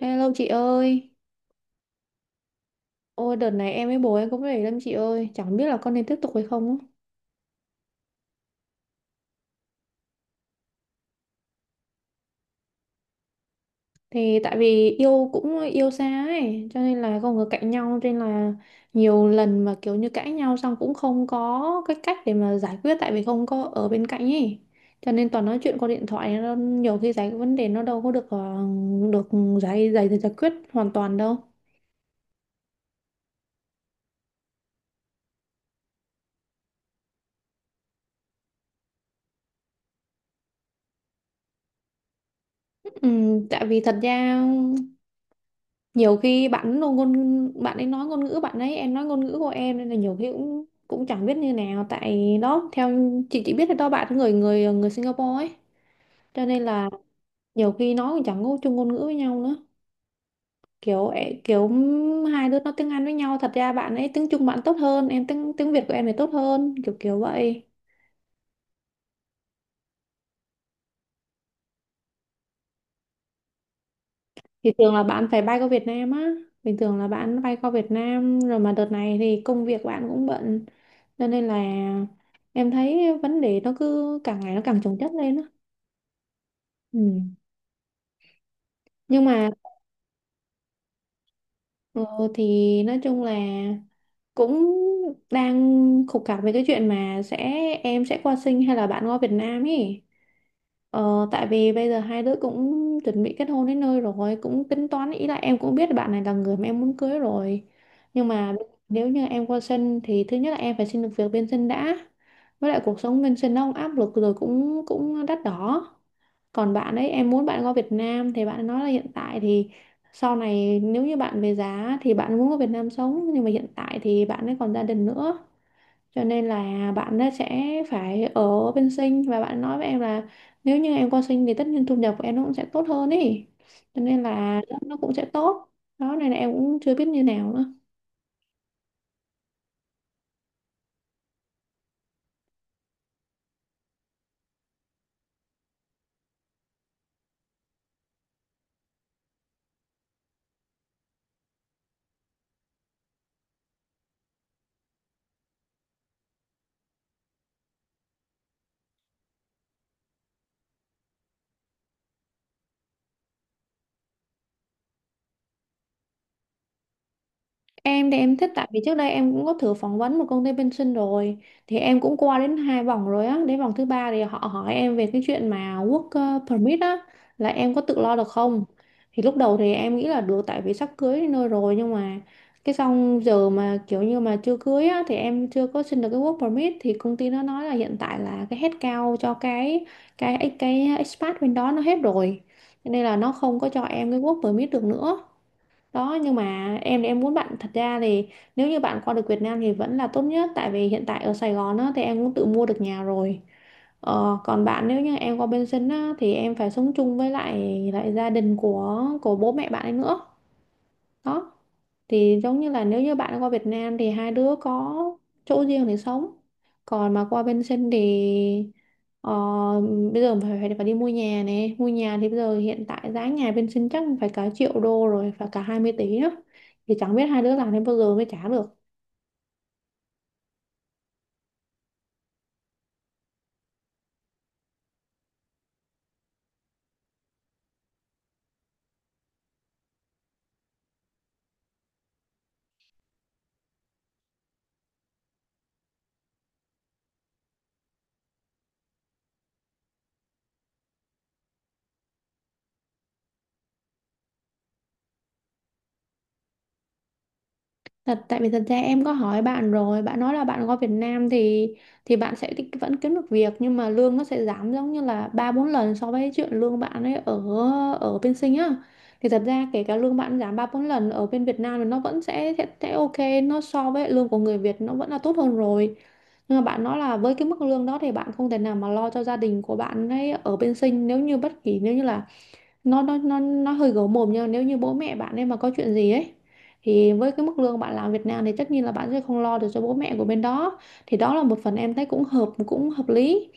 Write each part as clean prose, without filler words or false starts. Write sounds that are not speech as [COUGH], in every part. Hello chị ơi, ôi đợt này em với bố em cũng để lắm chị ơi, chẳng biết là con nên tiếp tục hay không á. Thì tại vì yêu cũng yêu xa ấy, cho nên là không có cạnh nhau, cho nên là nhiều lần mà kiểu như cãi nhau xong cũng không có cái cách để mà giải quyết tại vì không có ở bên cạnh ấy. Cho nên toàn nói chuyện qua điện thoại, nó nhiều khi giải vấn đề nó đâu có được được giải giải giải quyết hoàn toàn đâu. Ừ, tại vì thật ra nhiều khi bạn nó ngôn bạn ấy nói ngôn ngữ bạn ấy, em nói ngôn ngữ của em nên là nhiều khi cũng cũng chẳng biết như nào, tại đó theo chị chỉ biết là đó bạn ấy người người người Singapore ấy, cho nên là nhiều khi nói cũng chẳng có chung ngôn ngữ với nhau nữa, kiểu hai đứa nói tiếng Anh với nhau, thật ra bạn ấy tiếng Trung bạn tốt hơn em, tiếng tiếng Việt của em thì tốt hơn, kiểu kiểu vậy. Thì thường là bạn phải bay qua Việt Nam á. Bình thường là bạn bay qua Việt Nam rồi mà đợt này thì công việc bạn cũng bận. Cho nên là em thấy vấn đề nó cứ càng ngày nó càng chồng chất lên á. Ừ. Nhưng mà ờ, thì nói chung là cũng đang khúc mắc về cái chuyện mà sẽ em sẽ qua sinh hay là bạn qua Việt Nam ý. Tại vì bây giờ hai đứa cũng chuẩn bị kết hôn đến nơi rồi, cũng tính toán, ý là em cũng biết là bạn này là người mà em muốn cưới rồi, nhưng mà nếu như em qua sân thì thứ nhất là em phải xin được việc bên sân đã, với lại cuộc sống bên sân nó cũng áp lực rồi cũng cũng đắt đỏ. Còn bạn ấy, em muốn bạn qua Việt Nam thì bạn nói là hiện tại thì sau này nếu như bạn về giá thì bạn muốn qua Việt Nam sống, nhưng mà hiện tại thì bạn ấy còn gia đình nữa, cho nên là bạn ấy sẽ phải ở bên sinh, và bạn nói với em là nếu như em qua sinh thì tất nhiên thu nhập của em nó cũng sẽ tốt hơn ý, cho nên là nó cũng sẽ tốt. Đó, này là em cũng chưa biết như nào nữa. Em thì em thích, tại vì trước đây em cũng có thử phỏng vấn một công ty bên sinh rồi, thì em cũng qua đến hai vòng rồi á, đến vòng thứ ba thì họ hỏi em về cái chuyện mà work permit á, là em có tự lo được không. Thì lúc đầu thì em nghĩ là được, tại vì sắp cưới đến nơi rồi, nhưng mà cái xong giờ mà kiểu như mà chưa cưới á thì em chưa có xin được cái work permit, thì công ty nó nói là hiện tại là cái headcount cho cái expat bên đó nó hết rồi. Cho nên là nó không có cho em cái work permit được nữa. Đó, nhưng mà em thì em muốn bạn, thật ra thì nếu như bạn qua được Việt Nam thì vẫn là tốt nhất, tại vì hiện tại ở Sài Gòn á, thì em cũng tự mua được nhà rồi. Còn bạn, nếu như em qua bên sinh á, thì em phải sống chung với lại lại gia đình của bố mẹ bạn ấy nữa. Đó, thì giống như là nếu như bạn qua Việt Nam thì hai đứa có chỗ riêng để sống, còn mà qua bên sinh thì ờ, bây giờ phải, phải đi mua nhà, này mua nhà thì bây giờ hiện tại giá nhà bên sinh chắc phải cả triệu đô rồi, phải cả 20 tỷ á, thì chẳng biết hai đứa làm đến bao giờ mới trả được. Thật, tại vì thật ra em có hỏi bạn rồi, bạn nói là bạn qua Việt Nam thì bạn sẽ vẫn kiếm được việc, nhưng mà lương nó sẽ giảm giống như là ba bốn lần so với chuyện lương bạn ấy ở ở bên Sinh á. Thì thật ra kể cả lương bạn giảm ba bốn lần ở bên Việt Nam thì nó vẫn sẽ, sẽ ok, nó so với lương của người Việt nó vẫn là tốt hơn rồi. Nhưng mà bạn nói là với cái mức lương đó thì bạn không thể nào mà lo cho gia đình của bạn ấy ở bên Sinh, nếu như bất kỳ, nếu như là nó hơi gấu mồm, nhưng mà nếu như bố mẹ bạn ấy mà có chuyện gì ấy thì với cái mức lương bạn làm Việt Nam thì tất nhiên là bạn sẽ không lo được cho bố mẹ của bên đó. Thì đó là một phần em thấy cũng hợp lý,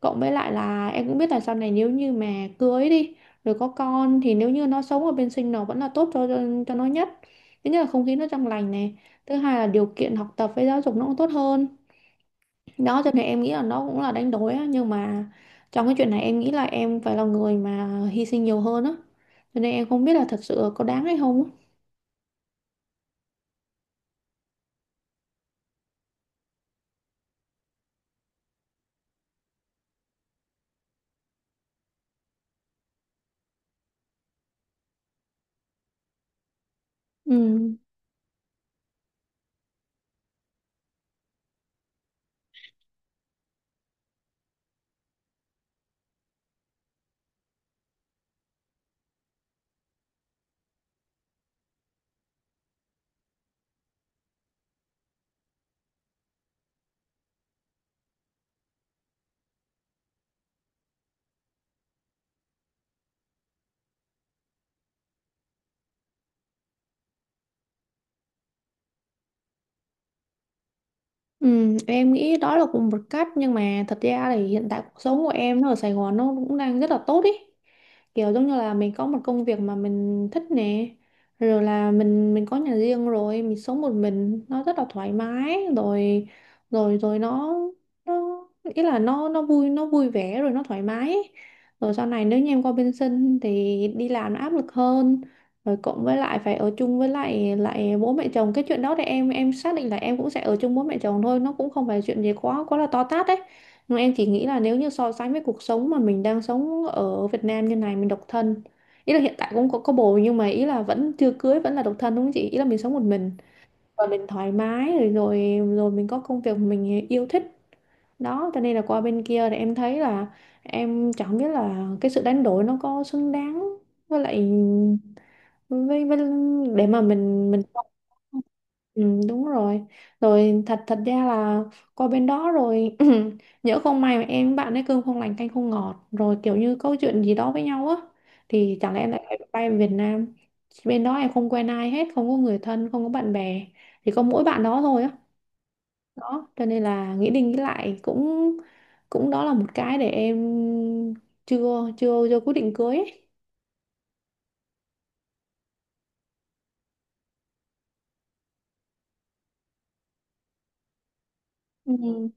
cộng với lại là em cũng biết là sau này nếu như mà cưới đi rồi có con thì nếu như nó sống ở bên sinh nó vẫn là tốt cho nó nhất. Thứ nhất là không khí nó trong lành này, thứ hai là điều kiện học tập với giáo dục nó cũng tốt hơn. Đó, cho nên em nghĩ là nó cũng là đánh đổi á, nhưng mà trong cái chuyện này em nghĩ là em phải là người mà hy sinh nhiều hơn á, cho nên em không biết là thật sự có đáng hay không á. Ừ. Ừ, em nghĩ đó là cũng một cách, nhưng mà thật ra thì hiện tại cuộc sống của em nó ở Sài Gòn nó cũng đang rất là tốt ý, kiểu giống như là mình có một công việc mà mình thích nè, rồi là mình có nhà riêng rồi, mình sống một mình nó rất là thoải mái rồi rồi rồi nó ý là nó vui, nó vui vẻ rồi nó thoải mái. Rồi sau này nếu như em qua bên sinh thì đi làm nó áp lực hơn, rồi cộng với lại phải ở chung với lại lại bố mẹ chồng, cái chuyện đó thì em xác định là em cũng sẽ ở chung bố mẹ chồng thôi, nó cũng không phải chuyện gì quá quá là to tát đấy. Nhưng em chỉ nghĩ là nếu như so sánh với cuộc sống mà mình đang sống ở Việt Nam như này, mình độc thân, ý là hiện tại cũng có bồ, nhưng mà ý là vẫn chưa cưới, vẫn là độc thân đúng không chị, ý là mình sống một mình và mình thoải mái rồi, rồi mình có công việc mình yêu thích. Đó cho nên là qua bên kia thì em thấy là em chẳng biết là cái sự đánh đổi nó có xứng đáng với lại với, để mà mình. Ừ, đúng rồi, thật thật ra là qua bên đó rồi [CLEARS THROAT] nhỡ không may mà em với bạn ấy cơm không lành canh không ngọt, rồi kiểu như câu chuyện gì đó với nhau á, thì chẳng lẽ em lại phải bay về Việt Nam. Bên đó em không quen ai hết, không có người thân, không có bạn bè, chỉ có mỗi bạn đó thôi á. Đó cho nên là nghĩ đi nghĩ lại cũng, đó là một cái để em chưa chưa chưa quyết định cưới ấy. Ừ.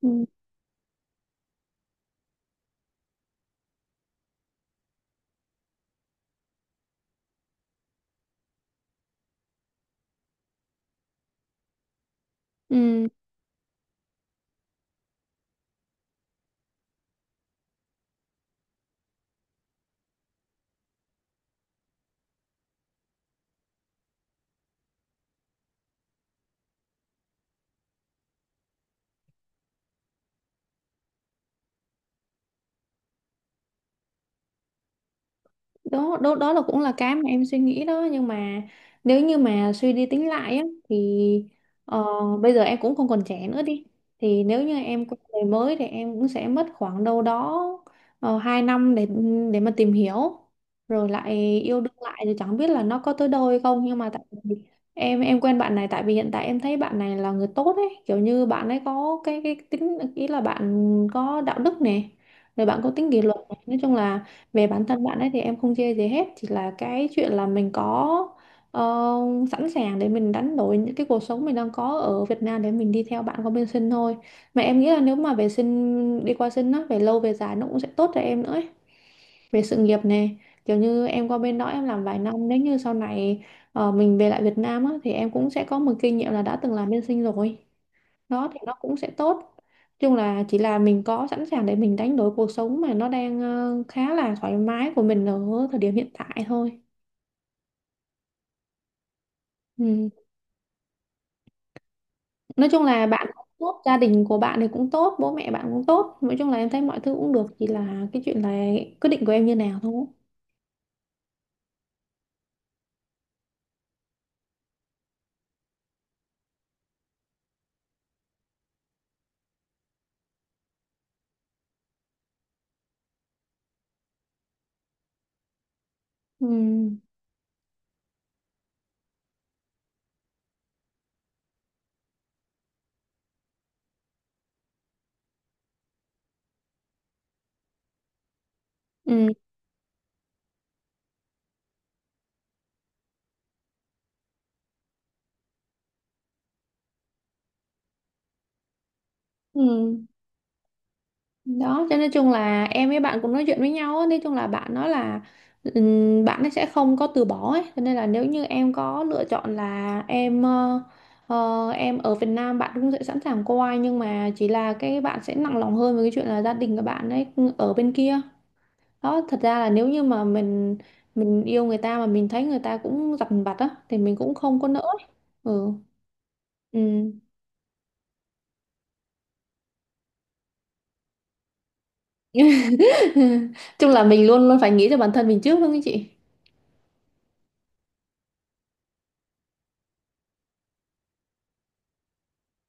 Ừ. Ừ. Đó, đó đó là cũng là cái mà em suy nghĩ đó, nhưng mà nếu như mà suy đi tính lại á thì ờ, bây giờ em cũng không còn trẻ nữa đi, thì nếu như em quen người mới thì em cũng sẽ mất khoảng đâu đó 2 năm để mà tìm hiểu, rồi lại yêu đương lại thì chẳng biết là nó có tới đâu hay không, nhưng mà tại vì em quen bạn này, tại vì hiện tại em thấy bạn này là người tốt ấy, kiểu như bạn ấy có cái tính, ý là bạn có đạo đức nè, rồi bạn có tính kỷ luật này. Nói chung là về bản thân bạn ấy thì em không chê gì hết, chỉ là cái chuyện là mình có ờ, sẵn sàng để mình đánh đổi những cái cuộc sống mình đang có ở Việt Nam để mình đi theo bạn qua bên sinh thôi. Mà em nghĩ là nếu mà về sinh, đi qua sinh á, về lâu về dài nó cũng sẽ tốt cho em nữa ấy. Về sự nghiệp này, kiểu như em qua bên đó em làm vài năm, nếu như sau này mình về lại Việt Nam á thì em cũng sẽ có một kinh nghiệm là đã từng làm bên sinh rồi, nó thì nó cũng sẽ tốt. Nói chung là chỉ là mình có sẵn sàng để mình đánh đổi cuộc sống mà nó đang khá là thoải mái của mình ở thời điểm hiện tại thôi. Ừ. Nói chung là bạn cũng tốt, gia đình của bạn thì cũng tốt, bố mẹ bạn cũng tốt, nói chung là em thấy mọi thứ cũng được, chỉ là cái chuyện là quyết định của em như nào thôi. Ừ. Ừ. Ừ. Đó cho nên chung là em với bạn cũng nói chuyện với nhau á, nói chung là bạn nói là bạn ấy sẽ không có từ bỏ ấy, cho nên là nếu như em có lựa chọn là em, em ở Việt Nam bạn cũng sẽ sẵn sàng qua, nhưng mà chỉ là cái bạn sẽ nặng lòng hơn với cái chuyện là gia đình của bạn ấy, ở bên kia. Đó thật ra là nếu như mà mình yêu người ta mà mình thấy người ta cũng dằn vặt á thì mình cũng không có nỡ ấy. Ừ. Ừ. [LAUGHS] Chung là mình luôn luôn phải nghĩ cho bản thân mình trước đúng không chị.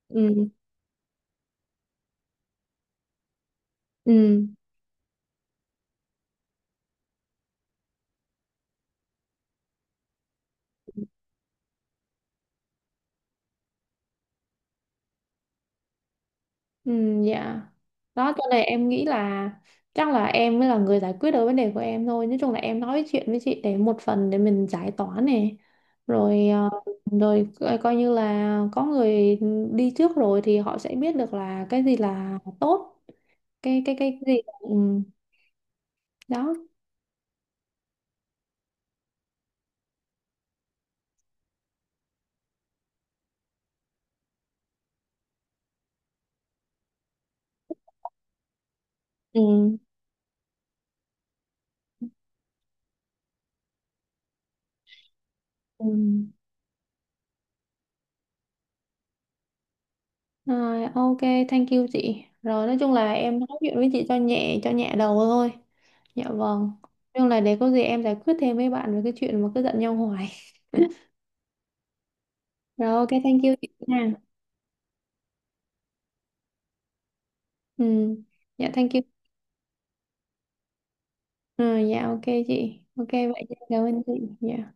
Ừ. Ừ. Ừ, dạ. Đó cho nên em nghĩ là chắc là em mới là người giải quyết được vấn đề của em thôi, nói chung là em nói chuyện với chị để một phần để mình giải tỏa này, rồi rồi coi coi như là có người đi trước rồi thì họ sẽ biết được là cái gì là tốt, cái gì là- ừ, đó. Ừ. Ừ. Rồi ok, thank you chị, rồi nói chung là em nói chuyện với chị cho nhẹ, đầu thôi. Dạ vâng. Nhưng là để có gì em giải quyết thêm với bạn về cái chuyện mà cứ giận nhau hoài. Rồi ok, thank you chị nha. Ừ. Dạ thank you. Ừ, dạ ok chị. Ok vậy chị, cảm ơn chị. Dạ.